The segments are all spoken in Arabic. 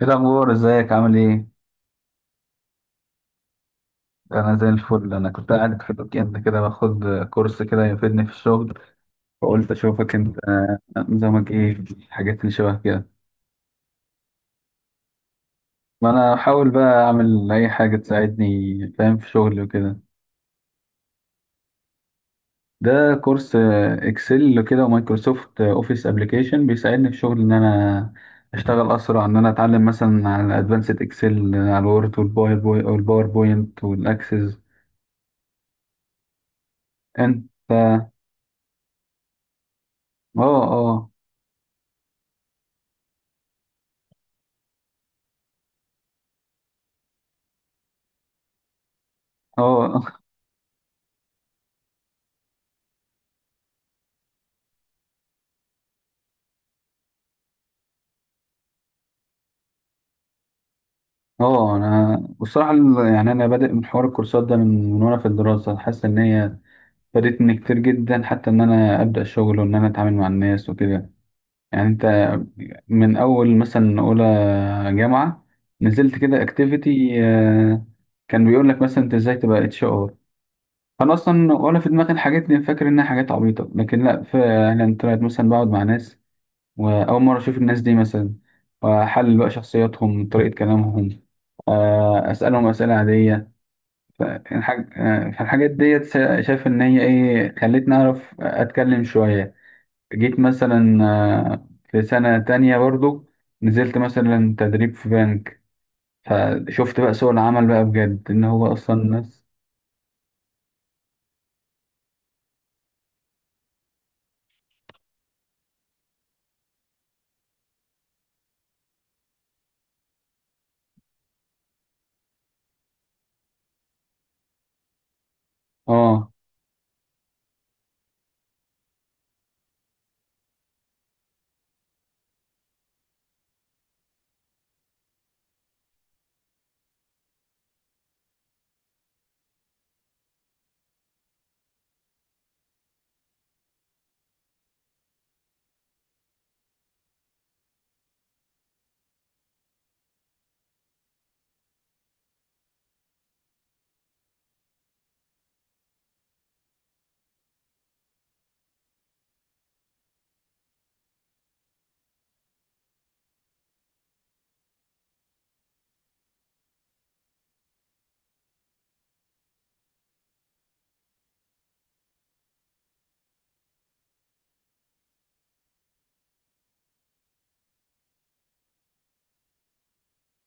ايه الاخبار، ازيك، عامل ايه؟ انا زي الفل. انا كنت قاعد في الويكند كده باخد كورس كده يفيدني في الشغل، فقلت اشوفك. انت نظامك ايه في الحاجات اللي شبه كده؟ ما انا بحاول بقى اعمل اي حاجه تساعدني، فاهم، في شغلي وكده. ده كورس اكسل كده ومايكروسوفت اوفيس ابلكيشن، بيساعدني في شغل ان انا اشتغل اسرع، ان انا اتعلم مثلا على ادفانسد اكسل، على الوورد والباوربوينت والاكسس. انت. اه. اه. اه. اه. انا والصراحه يعني انا بادئ من حوار الكورسات ده من وانا في الدراسه، حاسس ان هي فادتني كتير جدا، حتى ان انا ابدا شغل وان انا اتعامل مع الناس وكده. يعني انت من اول مثلا اولى جامعه نزلت كده اكتيفيتي، كان بيقول لك مثلا انت ازاي تبقى HR. انا اصلا ولا في دماغي الحاجات دي، فاكر انها حاجات عبيطه، لكن لا فعلا طلعت مثلا بقعد مع ناس وأول مرة أشوف الناس دي مثلا، وأحلل بقى شخصياتهم، طريقة كلامهم، أسألهم أسئلة عادية. فالحاجات ديت شايف إن هي إيه خلتني أعرف أتكلم شوية. جيت مثلا في سنة تانية برضو نزلت مثلا تدريب في بنك، فشفت بقى سوق العمل بقى بجد إن هو أصلا الناس. آه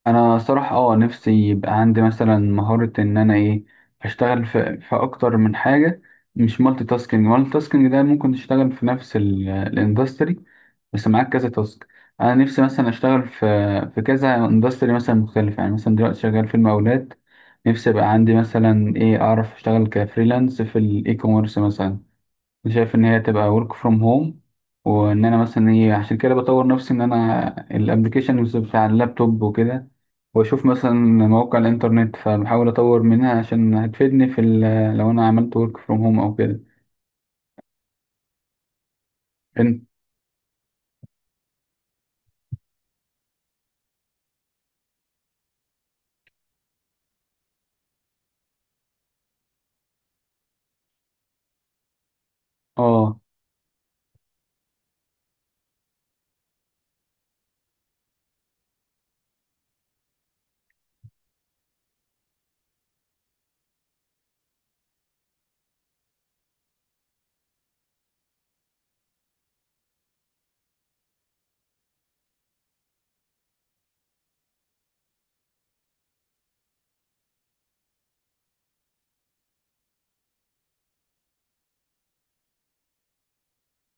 انا صراحة نفسي يبقى عندي مثلا مهارة ان انا ايه اشتغل في اكتر من حاجة. مش مالتي تاسكينج. مالتي تاسكينج ده ممكن تشتغل في نفس الاندستري بس معاك كذا تاسك. انا نفسي مثلا اشتغل في كذا اندستري مثلا مختلف، يعني مثلا دلوقتي شغال في المقاولات. نفسي يبقى عندي مثلا ايه اعرف اشتغل كفريلانس في الاي كوميرس مثلا، شايف ان هي تبقى work from home، وان انا مثلا ايه عشان كده بطور نفسي، ان انا الابلكيشنز بتاع اللابتوب وكده، واشوف مثلا مواقع الانترنت فبحاول اطور منها عشان هتفيدني في لو انا عملت work from home او كده. انت. اه.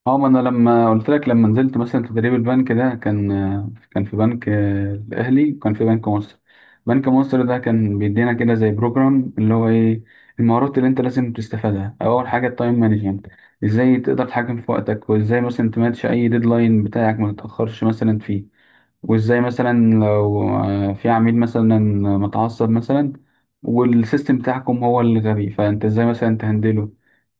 اه. ما انا لما قلت لك، لما نزلت مثلا تدريب البنك ده، كان في بنك الاهلي وكان في بنك مصر. بنك مصر ده كان بيدينا كده زي بروجرام اللي هو ايه المهارات اللي انت لازم تستفادها. اول حاجه التايم مانجمنت، ازاي تقدر تتحكم في وقتك، وازاي مثلا تماتش اي ديدلاين بتاعك ما تتاخرش مثلا فيه. وازاي مثلا لو في عميل مثلا متعصب مثلا والسيستم بتاعكم هو اللي غبي، فانت ازاي مثلا تهندله.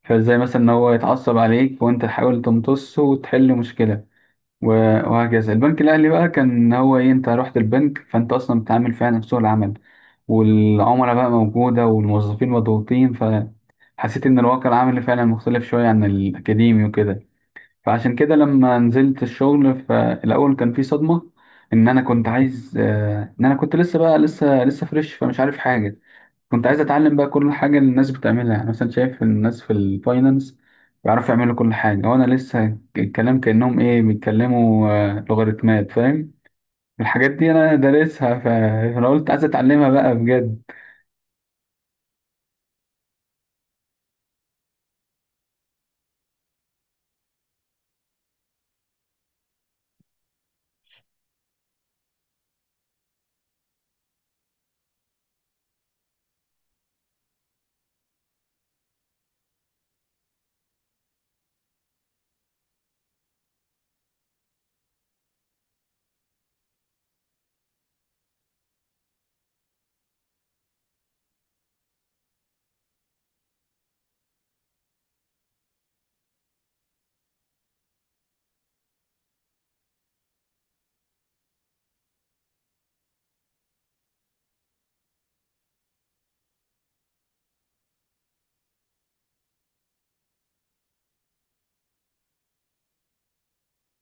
فازاي مثلا ان هو يتعصب عليك وانت تحاول تمتصه وتحل مشكلة. و- وهكذا. البنك الاهلي بقى كان إن هو ايه، انت رحت البنك فانت اصلا بتتعامل فعلا في سوق العمل، والعملاء بقى موجودة والموظفين مضغوطين، فحسيت ان الواقع العملي فعلا مختلف شوية عن الاكاديمي وكده. فعشان كده لما نزلت الشغل فالاول كان في صدمه، ان انا كنت عايز ان انا كنت لسه بقى لسه فريش، فمش عارف حاجه. كنت عايز اتعلم بقى كل حاجه اللي الناس بتعملها، يعني مثلا شايف الناس في الفاينانس بيعرفوا يعملوا كل حاجه، وانا لسه الكلام كانهم ايه بيتكلموا لوغاريتمات، فاهم. الحاجات دي انا دارسها فانا قلت عايز اتعلمها بقى بجد.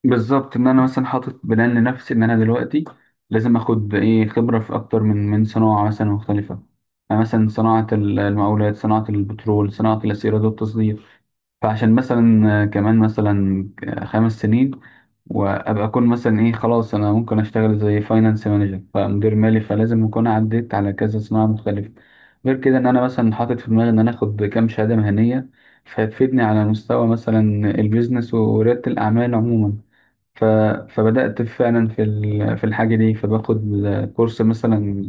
بالظبط، ان انا مثلا حاطط بلان لنفسي ان انا دلوقتي لازم اخد ايه خبره في اكتر من صناعه مثلا مختلفه. يعني مثلا صناعه المقاولات، صناعه البترول، صناعه الاسيرات والتصدير. فعشان مثلا كمان مثلا 5 سنين وابقى اكون مثلا ايه خلاص، انا ممكن اشتغل زي فاينانس مانجر، فمدير مالي، فلازم اكون عديت على كذا صناعه مختلفه. غير كده ان انا مثلا حاطط في دماغي ان انا اخد كام شهاده مهنيه فهتفيدني على مستوى مثلا البيزنس ورياده الاعمال عموما. ف... فبدأت فعلا في في الحاجة دي، فباخد كورس مثلا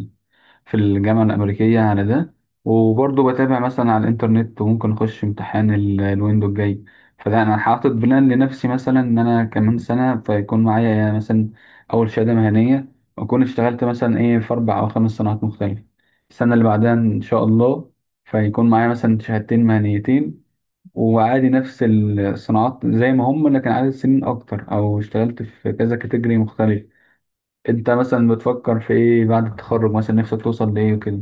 في الجامعة الأمريكية على ده، وبرضه بتابع مثلا على الإنترنت، وممكن أخش امتحان الويندو الجاي. فلا أنا حاطط بلان لنفسي مثلا إن أنا كمان سنة فيكون معايا مثلا أول شهادة مهنية، وأكون اشتغلت مثلا إيه في 4 أو 5 صناعات مختلفة. السنة اللي بعدها إن شاء الله فيكون معايا مثلا شهادتين مهنيتين، وعادي نفس الصناعات زي ما هم لكن عدد سنين اكتر، او اشتغلت في كذا كاتيجوري مختلف. انت مثلا بتفكر في ايه بعد التخرج مثلا؟ نفسك توصل لايه وكده؟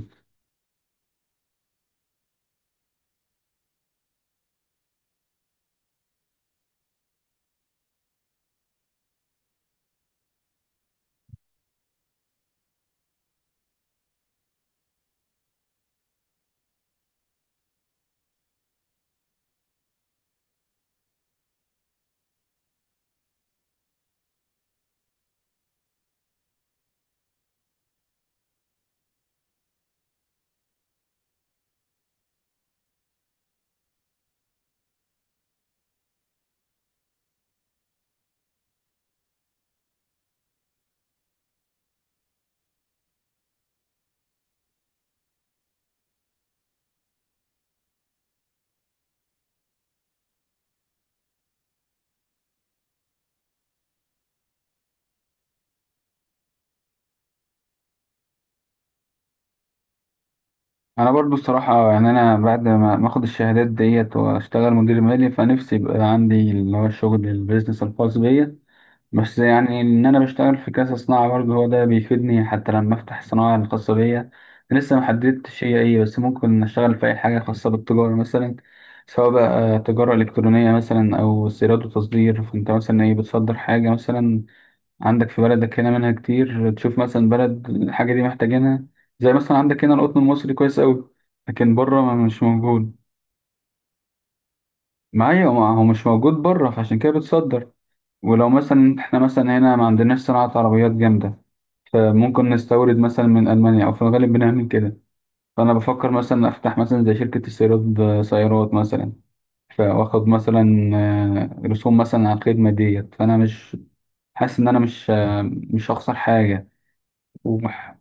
انا برضو الصراحه، يعني انا بعد ما اخد الشهادات ديت واشتغل مدير مالي، فنفسي يبقى عندي اللي هو الشغل البيزنس الخاص بيا. بس يعني إن أنا بشتغل في كذا صناعة برضه هو ده بيفيدني حتى لما أفتح الصناعة الخاصة بيا. لسه محددتش هي إيه، بس ممكن أشتغل في أي حاجة خاصة بالتجارة مثلا، سواء بقى تجارة إلكترونية مثلا أو استيراد وتصدير. فأنت مثلا إيه بتصدر حاجة مثلا عندك في بلدك، هنا منها كتير، تشوف مثلا بلد الحاجة دي محتاجينها. زي مثلا عندك هنا القطن المصري كويس أوي، لكن بره مش موجود. ما أيوة، ما هو مش موجود بره، فعشان كده بتصدر. ولو مثلا احنا مثلا هنا ما عندناش صناعة عربيات جامدة، فممكن نستورد مثلا من ألمانيا، أو في الغالب بنعمل كده. فأنا بفكر مثلا أفتح مثلا زي شركة استيراد سيارات مثلا، فآخد مثلا رسوم مثلا على الخدمة ديت، فأنا مش حاسس إن أنا مش هخسر حاجة. وبح-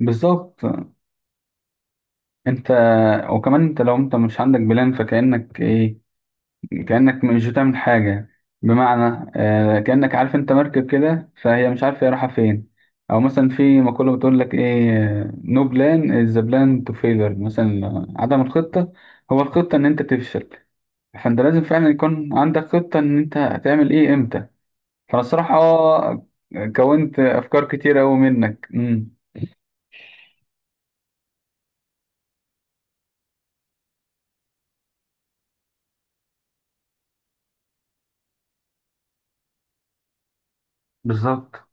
بالظبط. أنت وكمان أنت لو أنت مش عندك بلان فكأنك إيه، كأنك مش بتعمل حاجة، بمعنى كأنك عارف انت مركب كده فهي مش عارفة هي رايحة فين. او مثلا في مقولة بتقول لك ايه، نو بلان از ذا بلان تو فيلر، مثلا عدم الخطة هو الخطة ان انت تفشل. فانت لازم فعلا يكون عندك خطة ان انت هتعمل ايه امتى. فانا الصراحة كونت افكار كتير اوي منك بالظبط.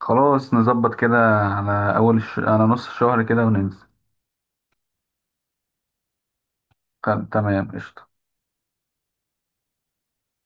خلاص نظبط كده على على نص الشهر كده وننزل. تمام، قشطة.